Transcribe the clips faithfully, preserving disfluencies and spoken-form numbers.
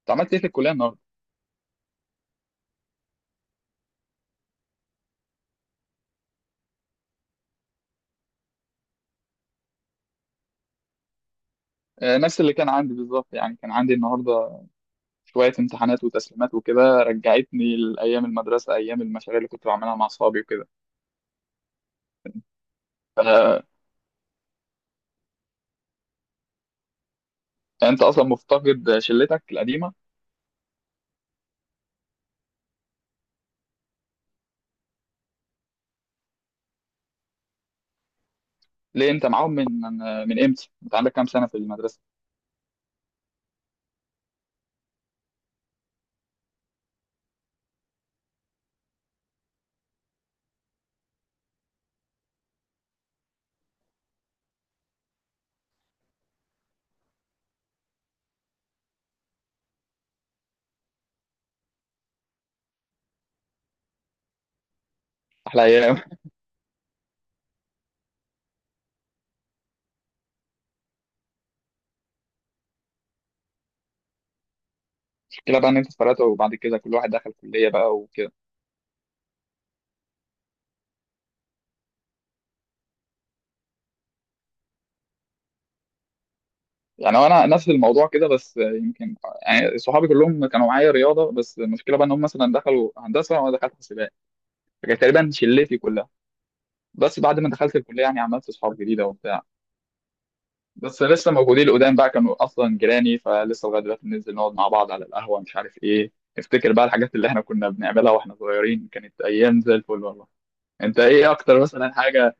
انت عملت ايه في الكليه النهارده؟ آه، نفس اللي كان عندي بالظبط يعني كان عندي النهارده شويه امتحانات وتسليمات وكده رجعتني لايام المدرسه ايام المشاريع اللي كنت بعملها مع اصحابي وكده. آه، انت اصلا مفتقد شلتك القديمه؟ ليه انت معاهم من من من امتى؟ انت عندك كام سنه في المدرسه؟ احلى ايام. المشكله بقى ان انت اتفرقت وبعد كده كل واحد دخل كليه بقى وكده. يعني انا نفس الموضوع كده بس، آه، يمكن يعني صحابي كلهم كانوا معايا رياضه، بس المشكله بقى ان هم مثلا دخلوا هندسه وانا دخلت حسابات، فكانت تقريبا شلتي كلها. بس بعد ما دخلت الكليه يعني عملت اصحاب جديده وبتاع. بس لسه موجودين القدام بقى، كانوا اصلا جيراني فلسه لغايه دلوقتي بننزل نقعد مع بعض على القهوه مش عارف ايه. افتكر بقى الحاجات اللي احنا كنا بنعملها واحنا صغيرين كانت ايام زي الفل والله. انت ايه اكتر مثلا حاجه؟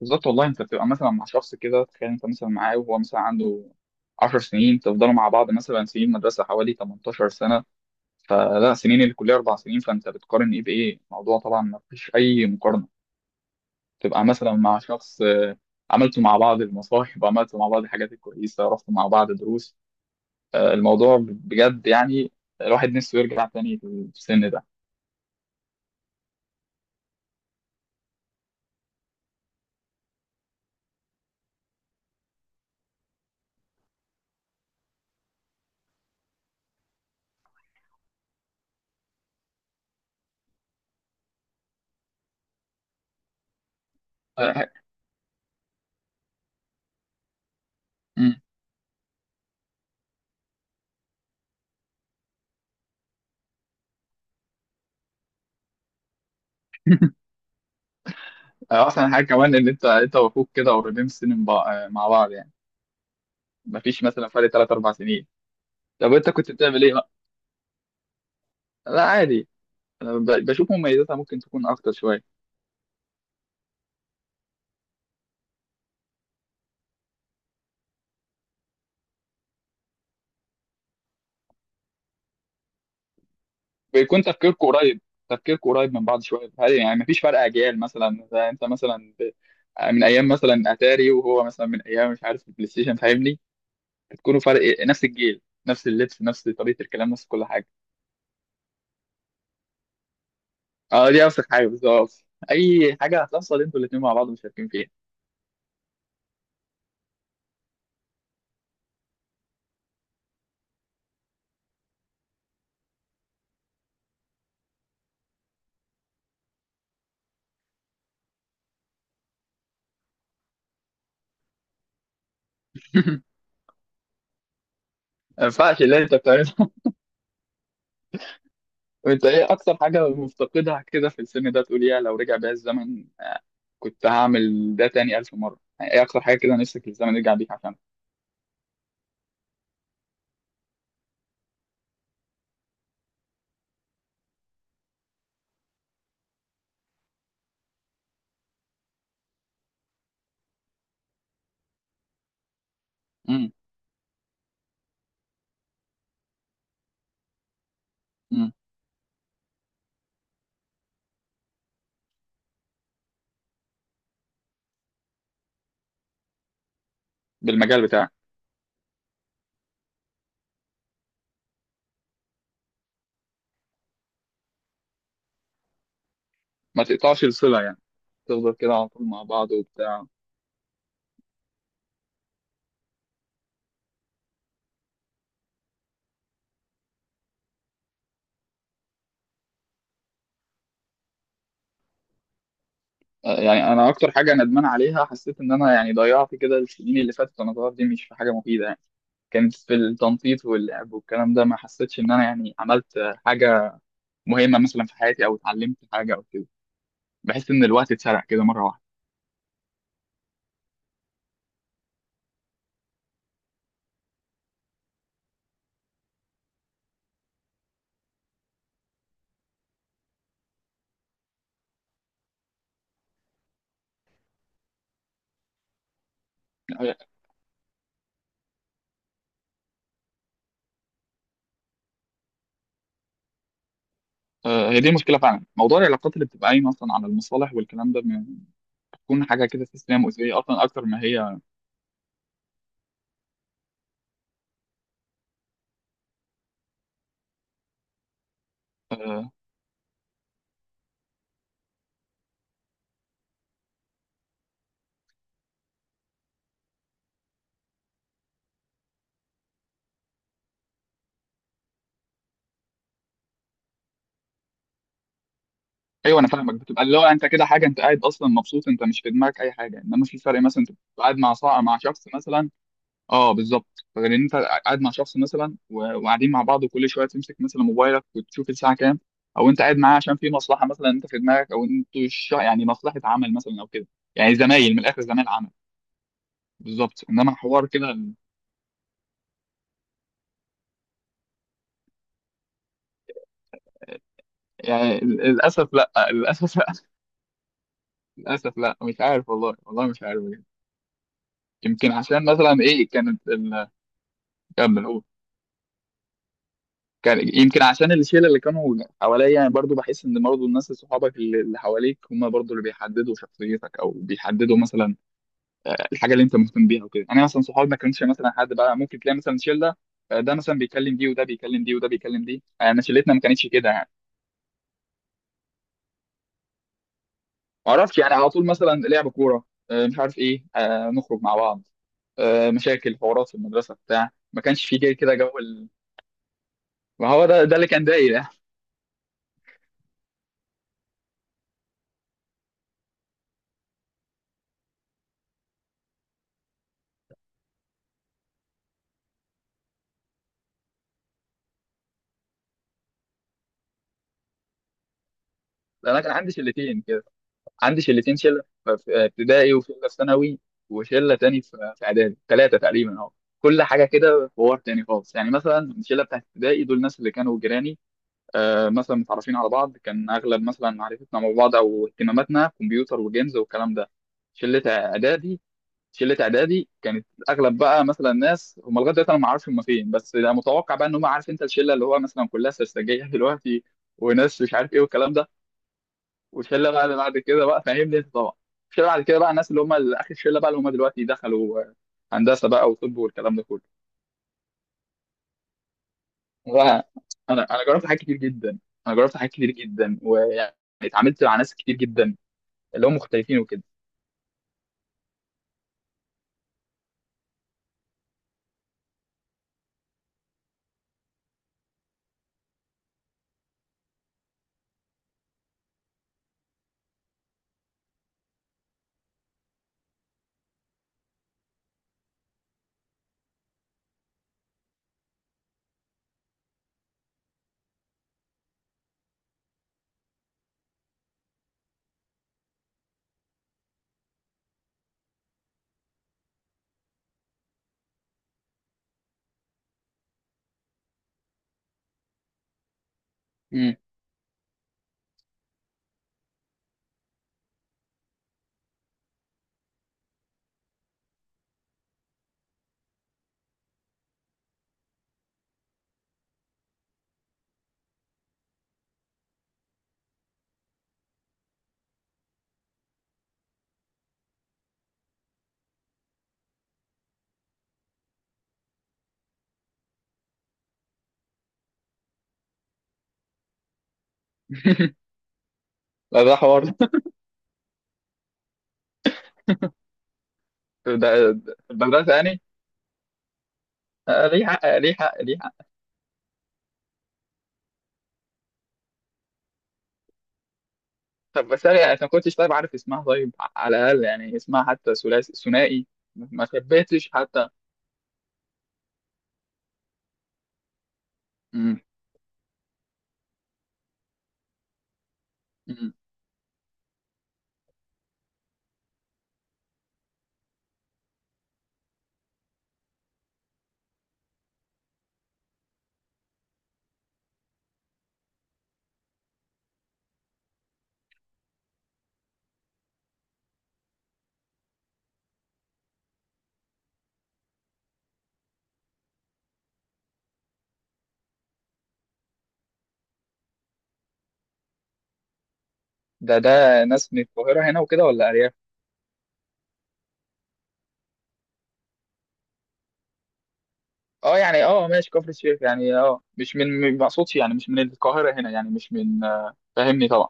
بالظبط والله. انت بتبقى مثلا مع شخص كده، تخيل انت مثلا معاه وهو مثلا عنده 10 سنين، تفضلوا مع بعض مثلا سنين مدرسه حوالي تمنتاشر سنة سنه، فلا سنين الكليه اربع سنين، فانت بتقارن ايه بايه؟ الموضوع طبعا ما فيش اي مقارنه. تبقى مثلا مع شخص، آه، عملتوا مع بعض المصاحب، عملتوا مع بعض الحاجات الكويسة، رحتوا مع بعض دروس. آه، الموضوع بجد يعني الواحد نفسه يرجع تاني في السن ده. آه، ح- مم. آه، أحسن حاجة كمان إن أنت أنت وأخوك كده قريبين في سن من بع- آه، مع بعض يعني، مفيش مثلا فرق تلات أربع سنين. طب أنت كنت بتعمل إيه بقى؟ لا عادي، أنا ب- بشوف مميزاتها ممكن تكون أكتر شوية. بيكون تفكيركم قريب، تفكيركم قريب من بعض شويه. هل يعني مفيش فرق اجيال، مثلا زي انت مثلا ب- من ايام مثلا اتاري، وهو مثلا من ايام مش عارف البلاي ستيشن، فاهمني؟ تكونوا فرق، نفس الجيل، نفس اللبس، نفس طريقه الكلام، نفس كل حاجه. اه دي اوسخ حاجه بالظبط، اي حاجه هتحصل انتوا الاثنين مع بعض مشاركين فيها. ما ينفعش اللي انت بتعمله. انت ايه اكتر حاجه مفتقدها كده في السن ده تقول يا لو رجع بيا الزمن كنت هعمل ده تاني الف مره؟ يعني ايه اكتر حاجه كده نفسك الزمن يرجع بيك عشانها؟ امم. امم. بالمجال بتاعك. ما تقطعش الصلة يعني، تفضل كده على طول مع بعض وبتاع. آه، يعني انا اكتر حاجة ندمان عليها، حسيت ان انا يعني ضيعت كده السنين اللي فاتت وانا صغير دي مش في حاجة مفيدة يعني، كانت في التنطيط واللعب والكلام ده، ما حسيتش ان انا يعني عملت آه، حاجة مهمة مثلا في حياتي او اتعلمت حاجة او كده. بحس ان الوقت اتسرق كده مرة واحدة. آه. آه، هي دي المشكلة فعلا، موضوع العلاقات اللي بتبقى قايمة اصلا على المصالح والكلام ده، بتكون حاجة كده سيستم مؤذية اصلا اكتر ما هي. آه، ايوه انا فاهمك، بتبقى اللي هو انت كده حاجه انت قاعد اصلا مبسوط، انت مش في دماغك اي حاجه، انما في فرق مثلا انت بتبقى قاعد مع صاحب مع شخص مثلا. اه بالظبط، غير ان انت قاعد مع شخص مثلا و- وقاعدين مع بعض وكل شويه تمسك مثلا موبايلك وتشوف الساعه كام، او انت قاعد معاه عشان في مصلحه مثلا انت في دماغك، او انتوا الش- يعني مصلحه عمل مثلا او كده، يعني زمايل من الاخر، زمايل عمل. بالظبط انما حوار كده يعني. ال- للاسف لا. للاسف لا. للاسف لا، مش عارف والله، والله مش عارف بجد. يمكن عشان مثلا ايه كانت ال... كمل. كان يمكن عشان الشله اللي كانوا حواليا، يعني برضو بحس ان برضو الناس صحابك اللي اللي حواليك هم برضو اللي بيحددوا شخصيتك او بيحددوا مثلا آه، الحاجه اللي انت مهتم بيها وكده. انا مثلا صحابي ما كانش مثلا حد بقى، ممكن تلاقي مثلا شله آه، ده مثلا بيكلم دي، وده بيكلم دي، وده بيكلم دي، آه، انا شلتنا ما كانتش كده يعني. ما اعرفش، يعني على طول مثلا لعب كوره، آه، مش عارف ايه، آه، نخرج مع بعض، آه، مشاكل حوارات في المدرسه بتاع، ما كانش في كده جو ال- ما هو ده ده اللي كان داير يعني. انا كان عندي شلتين كده، عندي شلتين، شله في ابتدائي وشله في ثانوي، وشله تاني في في اعدادي، ثلاثه تقريبا اهو. كل حاجه كده حوار تاني خالص يعني. مثلا الشله بتاعت ابتدائي دول الناس اللي كانوا جيراني، آه مثلا متعرفين على بعض، كان اغلب مثلا معرفتنا مع بعض او اهتماماتنا كمبيوتر وجيمز والكلام ده. شله اعدادي، شله اعدادي كانت اغلب بقى مثلا ناس هم لغايه دلوقتي انا ما اعرفش هم فين، بس ده متوقع بقى ان هم عارف انت الشله اللي هو مثلا كلها سرسجيه دلوقتي، وناس مش عارف ايه والكلام ده. والشله بقى اللي بعد كده بقى، فاهمني انت طبعا، الشله بعد كده بقى الناس اللي هم ال- اخر الشله بقى، اللي هم دلوقتي دخلوا آه، هندسه بقى وطب والكلام ده كله بقى. انا انا جربت حاجات كتير جدا، انا جربت حاجات كتير جدا ويعني اتعاملت مع ناس كتير جدا اللي هم مختلفين وكده. مم. لا ده حوار ده. ده- في المدرسه يعني؟ آه، ليه حق، ليه حق، ليه حق. طب بس انا يعني أنا ما كنتش طيب عارف اسمها، طيب على الاقل يعني اسمها حتى ثلاثي ثنائي، ما شبهتش حتى. مم. مم. ده ده ناس من القاهره هنا وكده ولا ارياف؟ اه يعني، اه ماشي كفر الشيخ يعني، اه مش من، ما اقصدش يعني مش من القاهره هنا، يعني مش من، آه، فاهمني طبعا،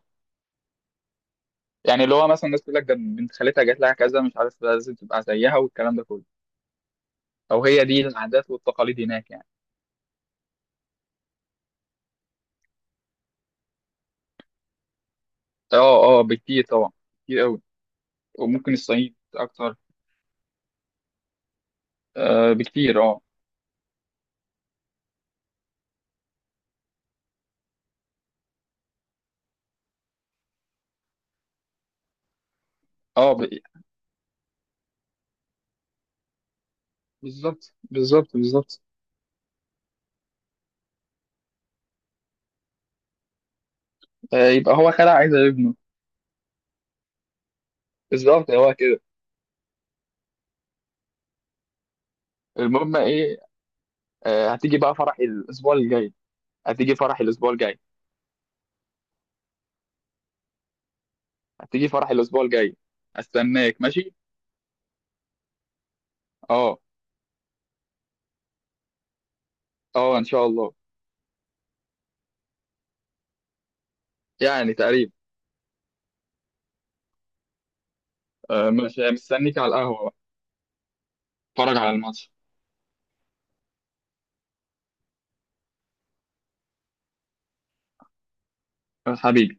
يعني اللي هو مثلا الناس تقول لك ده بنت خالتها جات لها كذا مش عارف لازم تبقى زيها والكلام ده كله، او هي دي العادات والتقاليد هناك يعني. اه اه، بكتير طبعا، كتير قوي. وممكن الصعيد اكتر، آه بكتير اه. اه ب... بالظبط، بالظبط، بالظبط. آه يبقى هو خلع عايز ابنه، بالظبط هو كده. المهم ايه؟ آه هتيجي بقى فرح الاسبوع الجاي، هتيجي فرح الاسبوع الجاي، هتيجي فرح الاسبوع الجاي، استناك ماشي. اه. اه ان شاء الله. يعني تقريبا. آه، مش مستنيك على القهوه بقى. اتفرج على الماتش. حبيبي.